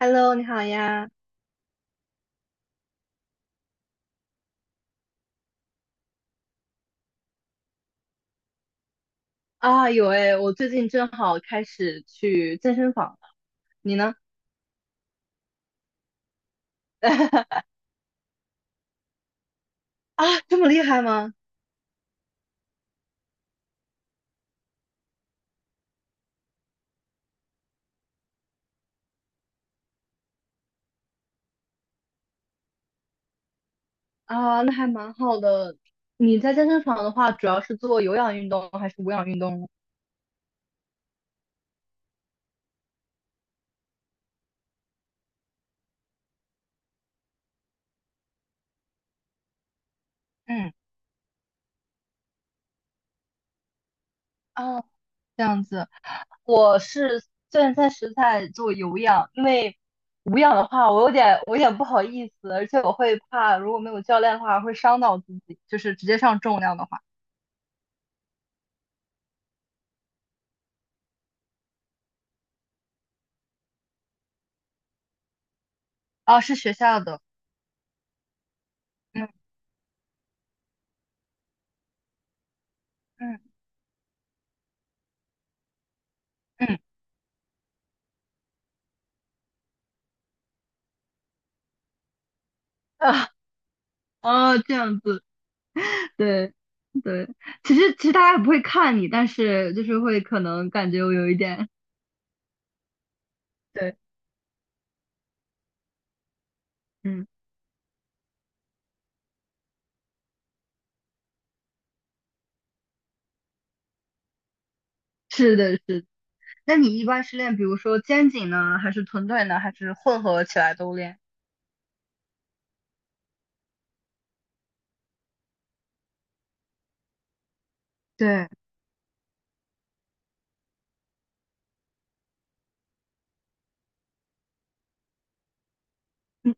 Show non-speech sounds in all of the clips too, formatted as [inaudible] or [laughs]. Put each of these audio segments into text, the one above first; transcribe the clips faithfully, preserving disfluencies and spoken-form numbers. Hello，你好呀！啊，有诶，我最近正好开始去健身房了。你呢？[laughs] 啊，这么厉害吗？啊，那还蛮好的。你在健身房的话，主要是做有氧运动还是无氧运动呢？嗯，啊，这样子。我是现在是在做有氧，因为无氧的话，我有点我有点不好意思，而且我会怕如果没有教练的话会伤到自己，就是直接上重量的话。啊，是学校的。嗯嗯。嗯。啊。哦，这样子，对，对，其实其实大家也不会看你，但是就是会可能感觉我有一点 [laughs]，对，嗯，是的，是的。那你一般是练，比如说肩颈呢，还是臀腿呢，还是混合起来都练？对，嗯，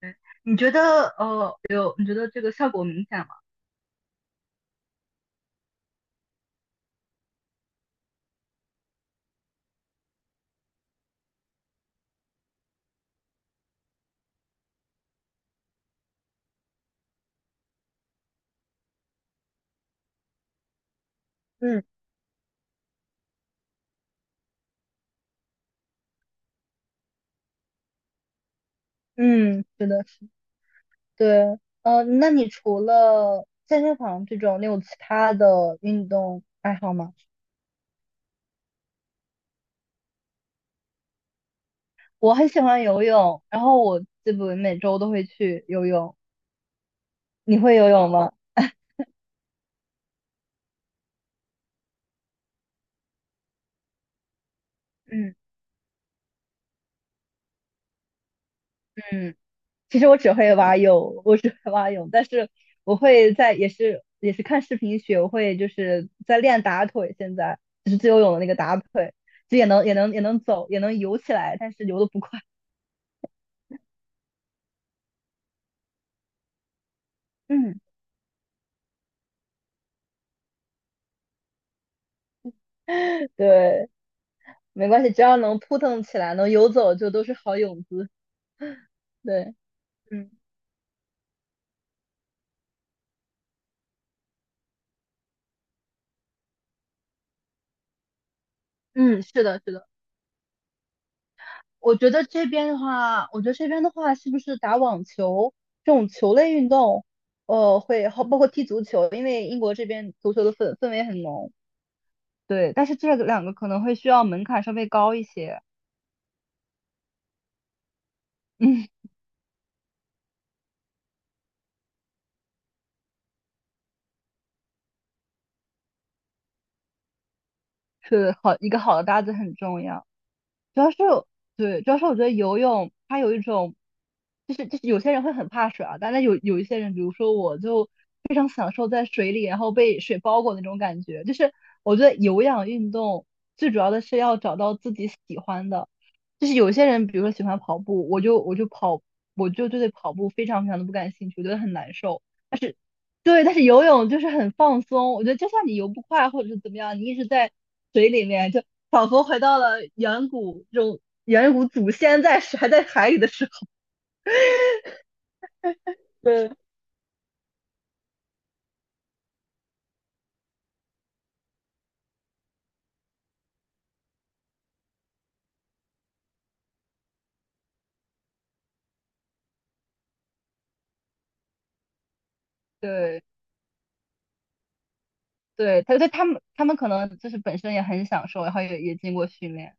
对，你觉得呃有，你觉得这个效果明显吗？嗯，嗯，是的，是的。对，呃，那你除了健身房这种，你有其他的运动爱好吗？我很喜欢游泳，然后我基本每周都会去游泳。你会游泳吗？嗯。嗯。其实我只会蛙泳，我只会蛙泳，但是我会在也是也是看视频学，我会就是在练打腿，现在就是自由泳的那个打腿，就也能也能也能走，也能游起来，但是游的不快。嗯，对，没关系，只要能扑腾起来，能游走就都是好泳姿。对，嗯嗯，是的，是的。我觉得这边的话，我觉得这边的话，是不是打网球这种球类运动，呃，会好，包括踢足球，因为英国这边足球的氛氛围很浓，对。但是这两个可能会需要门槛稍微高一些。[laughs] 嗯，是好，一个好的搭子很重要。主要是对，主要是我觉得游泳它有一种，就是就是有些人会很怕水啊，但是有有一些人，比如说我就非常享受在水里，然后被水包裹那种感觉。就是我觉得有氧运动最主要的是要找到自己喜欢的，就是有些人比如说喜欢跑步，我就我就跑，我就对跑步非常非常的不感兴趣，我觉得很难受。对，但是游泳就是很放松，我觉得就算你游不快或者是怎么样，你一直在水里面，就仿佛回到了远古这种远古祖先在还在海里的时候。对，对，对，他他他们他们可能就是本身也很享受，然后也也经过训练。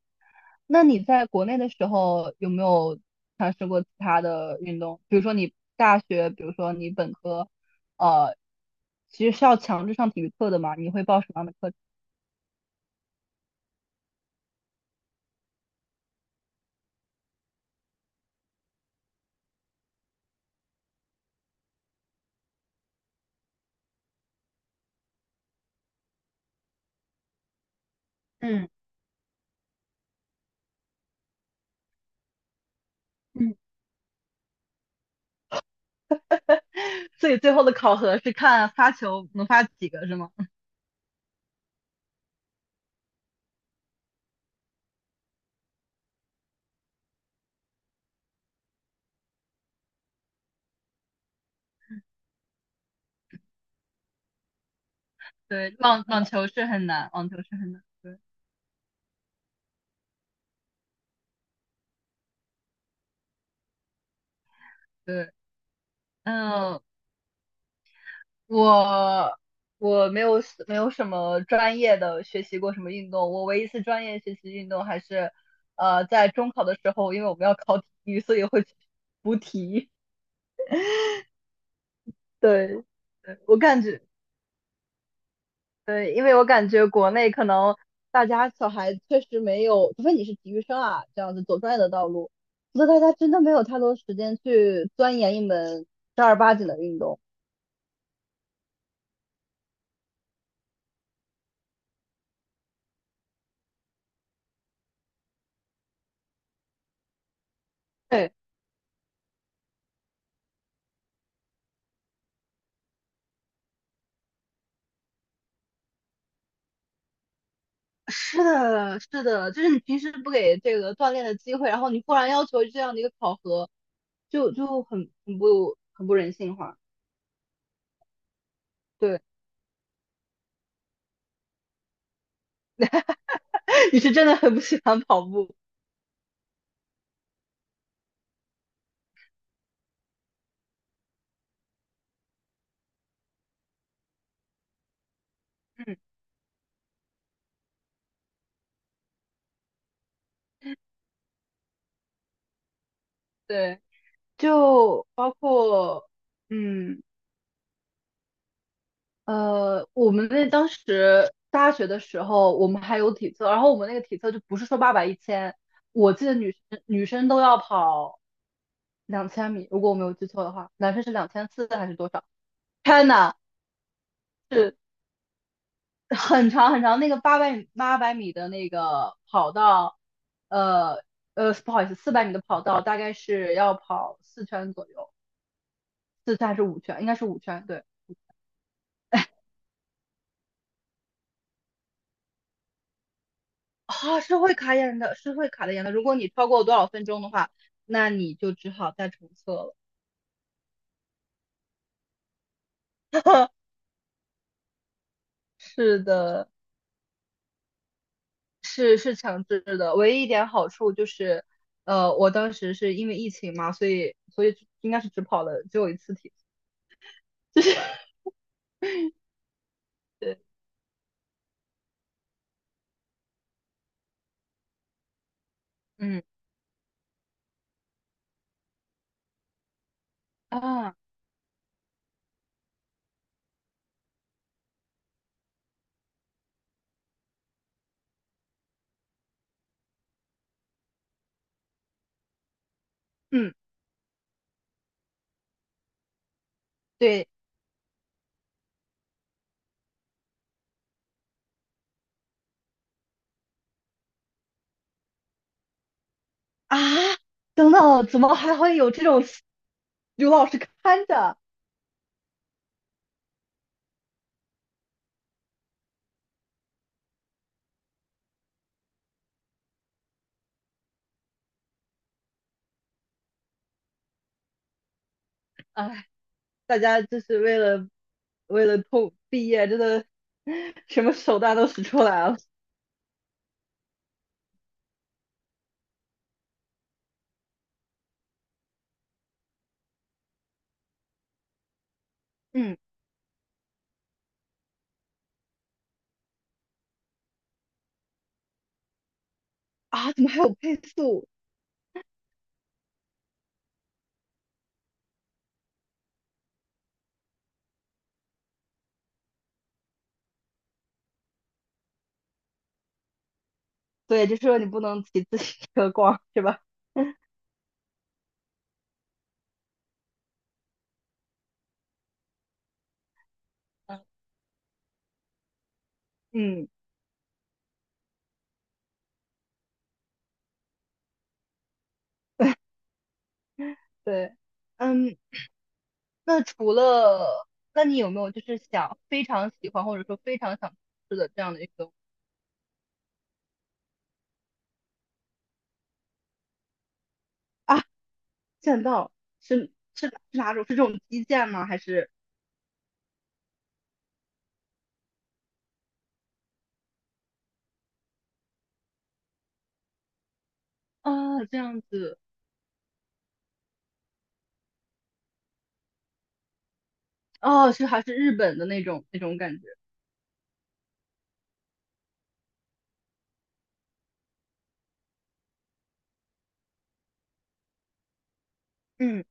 那你在国内的时候有没有尝试过其他的运动？比如说你大学，比如说你本科，呃，其实是要强制上体育课的嘛？你会报什么样的课程？嗯。嗯。所以最后的考核是看发球能发几个，是吗？对，网网球是很难，网球是很难。对，对，嗯，我我没有没有什么专业的学习过什么运动，我唯一一次专业学习运动还是，呃，在中考的时候，因为我们要考体育，所以会去补体育。对，对我感觉对，因为我感觉国内可能大家小孩确实没有，除非你是体育生啊，这样子走专业的道路，否则大家真的没有太多时间去钻研一门正儿八经的运动。对，是的，是的，就是你平时不给这个锻炼的机会，然后你忽然要求这样的一个考核，就就很很不很不人性化。对，[laughs] 你是真的很不喜欢跑步，嗯，对，就包括嗯。呃，我们那当时大学的时候，我们还有体测，然后我们那个体测就不是说八百一千，我记得女生女生都要跑两千米，如果我没有记错的话，男生是两千四还是多少天 h 是 [laughs] 很长很长，那个八百八百米的那个跑道，呃呃，不好意思，四百米的跑道大概是要跑四圈左右，四圈还是五圈？应该是五圈，对。啊，是会卡眼的，是会卡的眼的。如果你超过多少分钟的话，那你就只好再重测了。[laughs] 是的，是是强制的。唯一一点好处就是，呃，我当时是因为疫情嘛，所以所以应该是只跑了只有一次题，[laughs] 就是对，嗯，啊，嗯，对啊，等等，怎么还会有这种 [laughs] 有老师看着？啊，大家就是为了为了通毕业，真的什么手段都使出来了。嗯，啊，怎么还有配速？对，就是说你不能骑自行车逛，是吧？嗯，嗯，对，嗯，那除了，那你有没有就是想非常喜欢或者说非常想吃的这样的一个啊？剑道是是是哪种？是这种击剑吗？还是啊这样子？哦，是还是日本的那种那种感觉？嗯，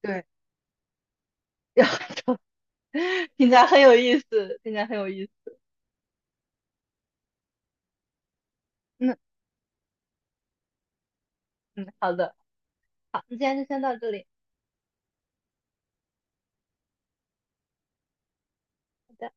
对，[laughs] 要。[laughs] 听起来很有意思，听起来很有意思。嗯，嗯，好的，好，那今天就先到这里。好的